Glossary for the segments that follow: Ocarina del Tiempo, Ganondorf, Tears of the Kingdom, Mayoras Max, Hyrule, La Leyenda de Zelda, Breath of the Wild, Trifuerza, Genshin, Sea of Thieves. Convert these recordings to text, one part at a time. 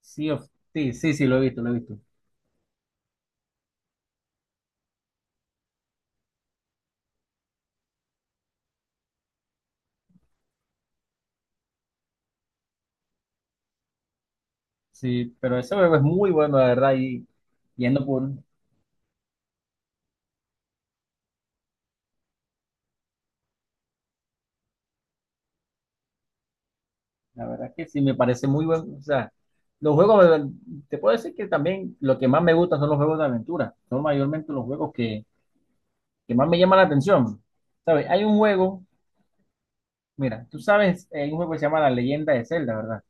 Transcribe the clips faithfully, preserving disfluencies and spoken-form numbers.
Sea of Thieves, sí, sí, lo he visto, lo he visto. Sí, pero ese juego es muy bueno, la verdad, y yendo por, la verdad que sí, me parece muy bueno. O sea, los juegos, eh, te puedo decir que también lo que más me gusta son los juegos de aventura, son mayormente los juegos que, que más me llaman la atención. ¿Sabes? Hay un juego, mira, tú sabes, eh, hay un juego que se llama La Leyenda de Zelda, ¿verdad?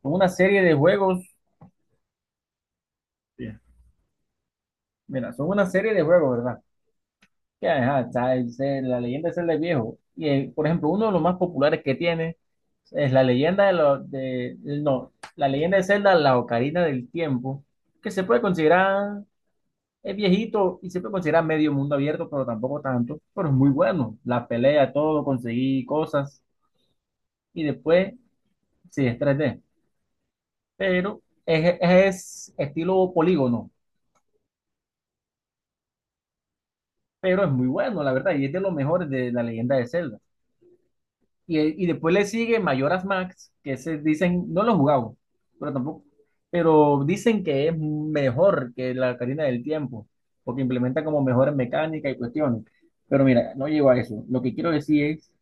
Son una serie de juegos. Sí. Mira, son una serie de juegos, ¿verdad? Que ajá, está el ser- la leyenda es Zelda viejo. Y eh, por ejemplo, uno de los más populares que tiene es la leyenda de los de no, la leyenda de Zelda, la Ocarina del Tiempo, que se puede considerar es viejito y se puede considerar medio mundo abierto, pero tampoco tanto, pero es muy bueno. La pelea, todo, conseguí cosas y después sí es tres D, pero es, es estilo polígono, pero es muy bueno, la verdad, y es de los mejores de la leyenda de Zelda. Y, y después le sigue Mayoras Max, que se dicen, no lo he jugado, pero tampoco, pero dicen que es mejor que la Ocarina del Tiempo, porque implementa como mejores mecánicas y cuestiones. Pero mira, no llego a eso. Lo que quiero decir es,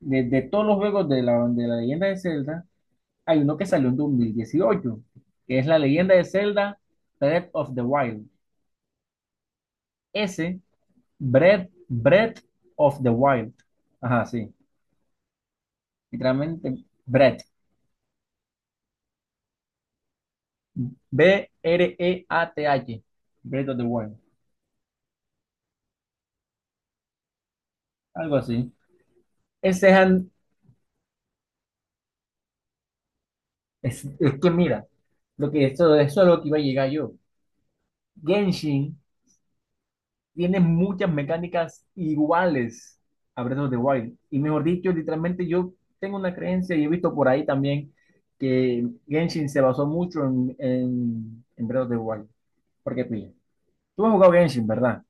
de, de todos los juegos de la, de la leyenda de Zelda, hay uno que salió en dos mil dieciocho, que es la leyenda de Zelda Breath of the Wild. Ese, Breath, Breath of the Wild. Ajá, sí. Literalmente, Breath. B-R-E-A-T-H. Breath of the Wild. Algo así. Ese es, es que mira, lo que esto, eso es lo que iba a llegar yo. Genshin tiene muchas mecánicas iguales a Breath of the Wild. Y mejor dicho, literalmente yo tengo una creencia y he visto por ahí también que Genshin se basó mucho en, en, en Breath of the Wild. Porque pilla. Tú has jugado Genshin, ¿verdad?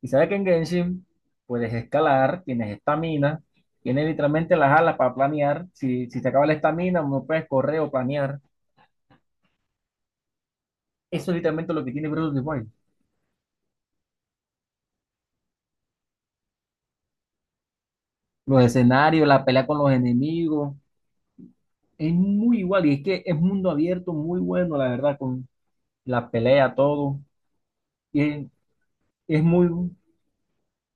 Y sabes que en Genshin puedes escalar, tienes estamina, tienes literalmente las alas para planear. Si, si te acaba la estamina, no puedes correr o planear. Eso es literalmente lo que tiene Breath of the Wild. Los escenarios, la pelea con los enemigos, es muy igual. Y es que es mundo abierto, muy bueno, la verdad, con la pelea, todo. Y es, es muy,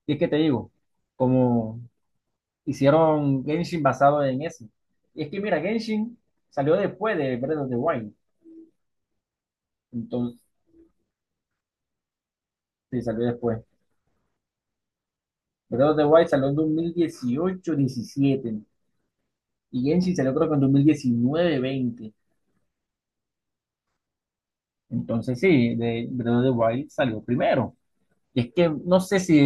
y es que te digo, como hicieron Genshin basado en eso. Y es que mira, Genshin salió después de Breath of the Wild. Entonces, sí, salió después. Breath of the Wild salió en dos mil dieciocho, dos mil diecisiete y Genshin salió creo que en dos mil diecinueve, dos mil veinte. Entonces sí, de Breath of the Wild salió primero. Y es que no sé si,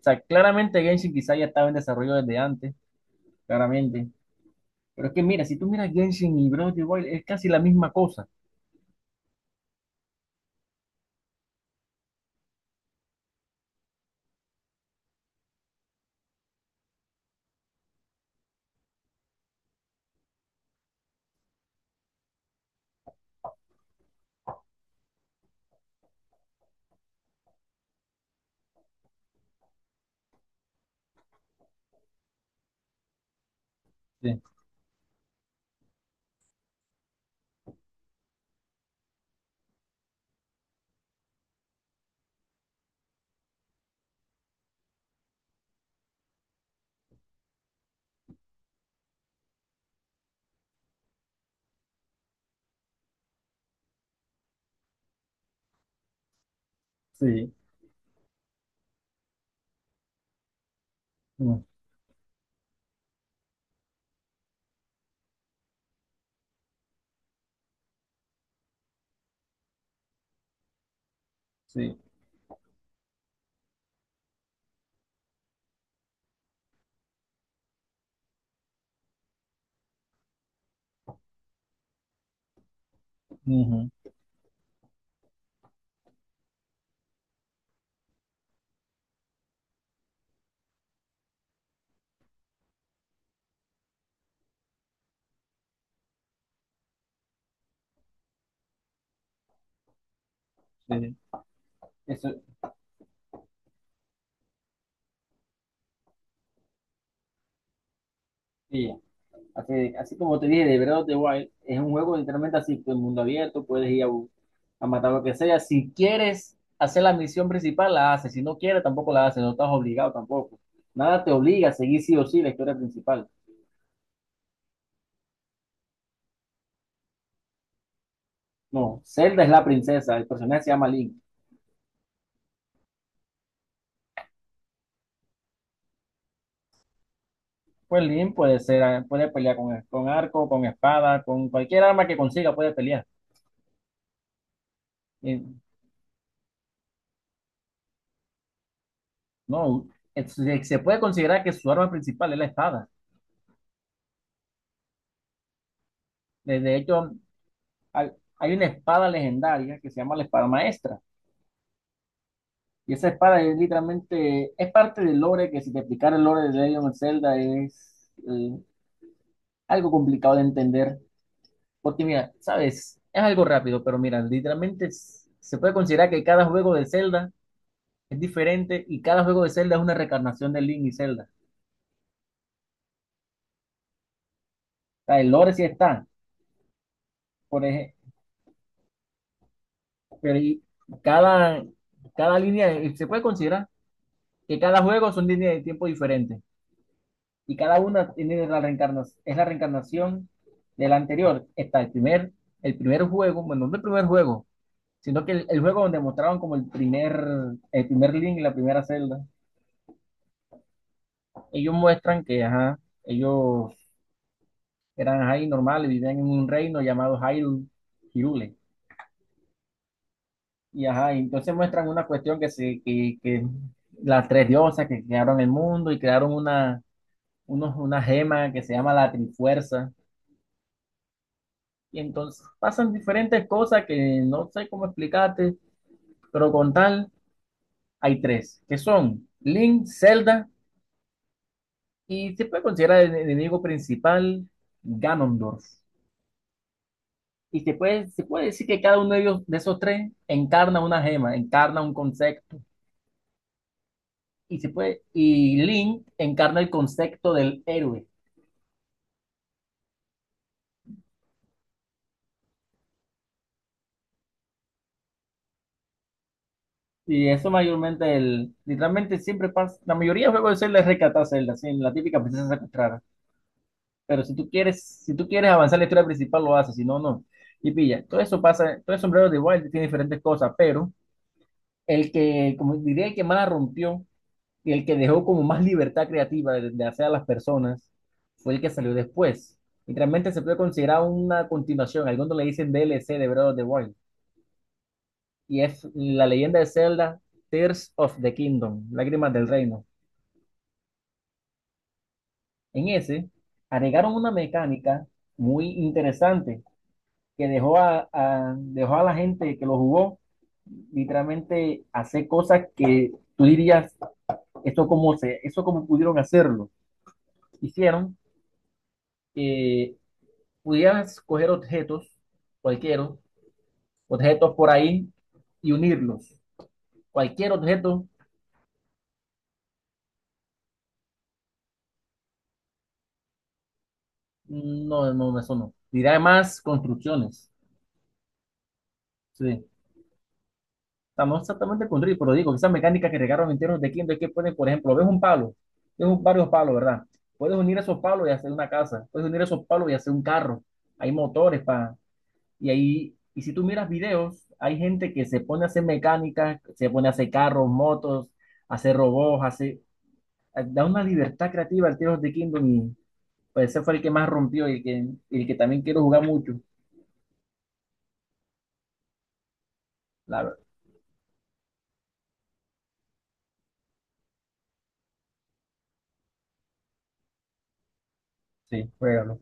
o sea, claramente Genshin quizá ya estaba en desarrollo desde antes, claramente. Pero es que mira, si tú miras Genshin y Breath of the Wild es casi la misma cosa. Sí, sí, mm, sí, ujú, sí. Eso, sí. Así, así como te dije, de Breath of the Wild es un juego literalmente así, el mundo abierto, puedes ir a, bu- a matar lo que sea. Si quieres hacer la misión principal, la haces. Si no quieres, tampoco la haces. No estás obligado tampoco. Nada te obliga a seguir sí o sí la historia principal. No, Zelda es la princesa, el personaje se llama Link. Pues Link puede ser, eh, puede pelear con, con arco, con espada, con cualquier arma que consiga puede pelear. Y no, es- se se puede considerar que su arma principal es la espada. De de hecho, al- hay una espada legendaria que se llama la espada maestra. Y esa espada es literalmente, es parte del lore, que si te explicara el lore de Legend of Zelda es eh, algo complicado de entender. Porque mira, sabes, es algo rápido, pero mira, literalmente es- se puede considerar que cada juego de Zelda es diferente y cada juego de Zelda es una reencarnación de Link y Zelda. O sea, el lore sí está, por ejemplo, pero y cada, cada línea, eh, se puede considerar que cada juego son líneas de tiempo diferentes. Y cada una tiene la reencarnación, es la reencarnación del anterior. Está el primer, el primer juego, bueno, no el primer juego, sino que el, el juego donde mostraban como el primer, el primer link, la primera celda. Ellos muestran que, ajá, ellos eran ahí normales, vivían en un reino llamado Hyrule, Hirule. Y ajá, y entonces muestran una cuestión que se, que, que las tres diosas que crearon el mundo y crearon una, unos, una gema que se llama la Trifuerza. Y entonces pasan diferentes cosas que no sé cómo explicarte, pero con tal hay tres, que son Link, Zelda y se puede considerar el enemigo principal, Ganondorf. Y se puede, se puede decir que cada uno de ellos, de esos tres, encarna una gema, encarna un concepto. Y se puede, y Link encarna el concepto del héroe. Y eso mayormente, el, literalmente siempre pasa, la mayoría de juegos de Zelda es rescatar a Zelda, así, la típica princesa secuestrada. Pero si tú quieres, si tú quieres avanzar la historia principal, lo haces, si no, no. Y pilla, todo eso pasa, todo el sombrero de Wild tiene diferentes cosas, pero el que, como diría, el que más la rompió y el que dejó como más libertad creativa de, de hacer a las personas fue el que salió después. Y realmente se puede considerar una continuación, algunos le dicen D L C de Breath of the Wild, y es la leyenda de Zelda, Tears of the Kingdom, Lágrimas del Reino. En ese, agregaron una mecánica muy interesante que dejó a, a- dejó a la gente que lo jugó literalmente hacer cosas que tú dirías, esto cómo se, eso cómo pudieron hacerlo. Hicieron que pudieras coger objetos, cualquiera, objetos por ahí y unirlos. Cualquier objeto, no, no, eso no. Y además construcciones. Sí. Estamos exactamente con Drill, pero digo, esas mecánicas que regaron enteros de Kindle es que pueden, por ejemplo, ves un palo, ves un- varios palos, ¿verdad? Puedes unir esos palos y hacer una casa, puedes unir esos palos y hacer un carro, hay motores para, y ahí, y si tú miras videos, hay gente que se pone a hacer mecánica, se pone a hacer carros, motos, hacer robots, hace, da una libertad creativa al Tears of the Kingdom y pues ese fue el que más rompió y el que, y el que también quiero jugar mucho, la verdad, sí, juégalo.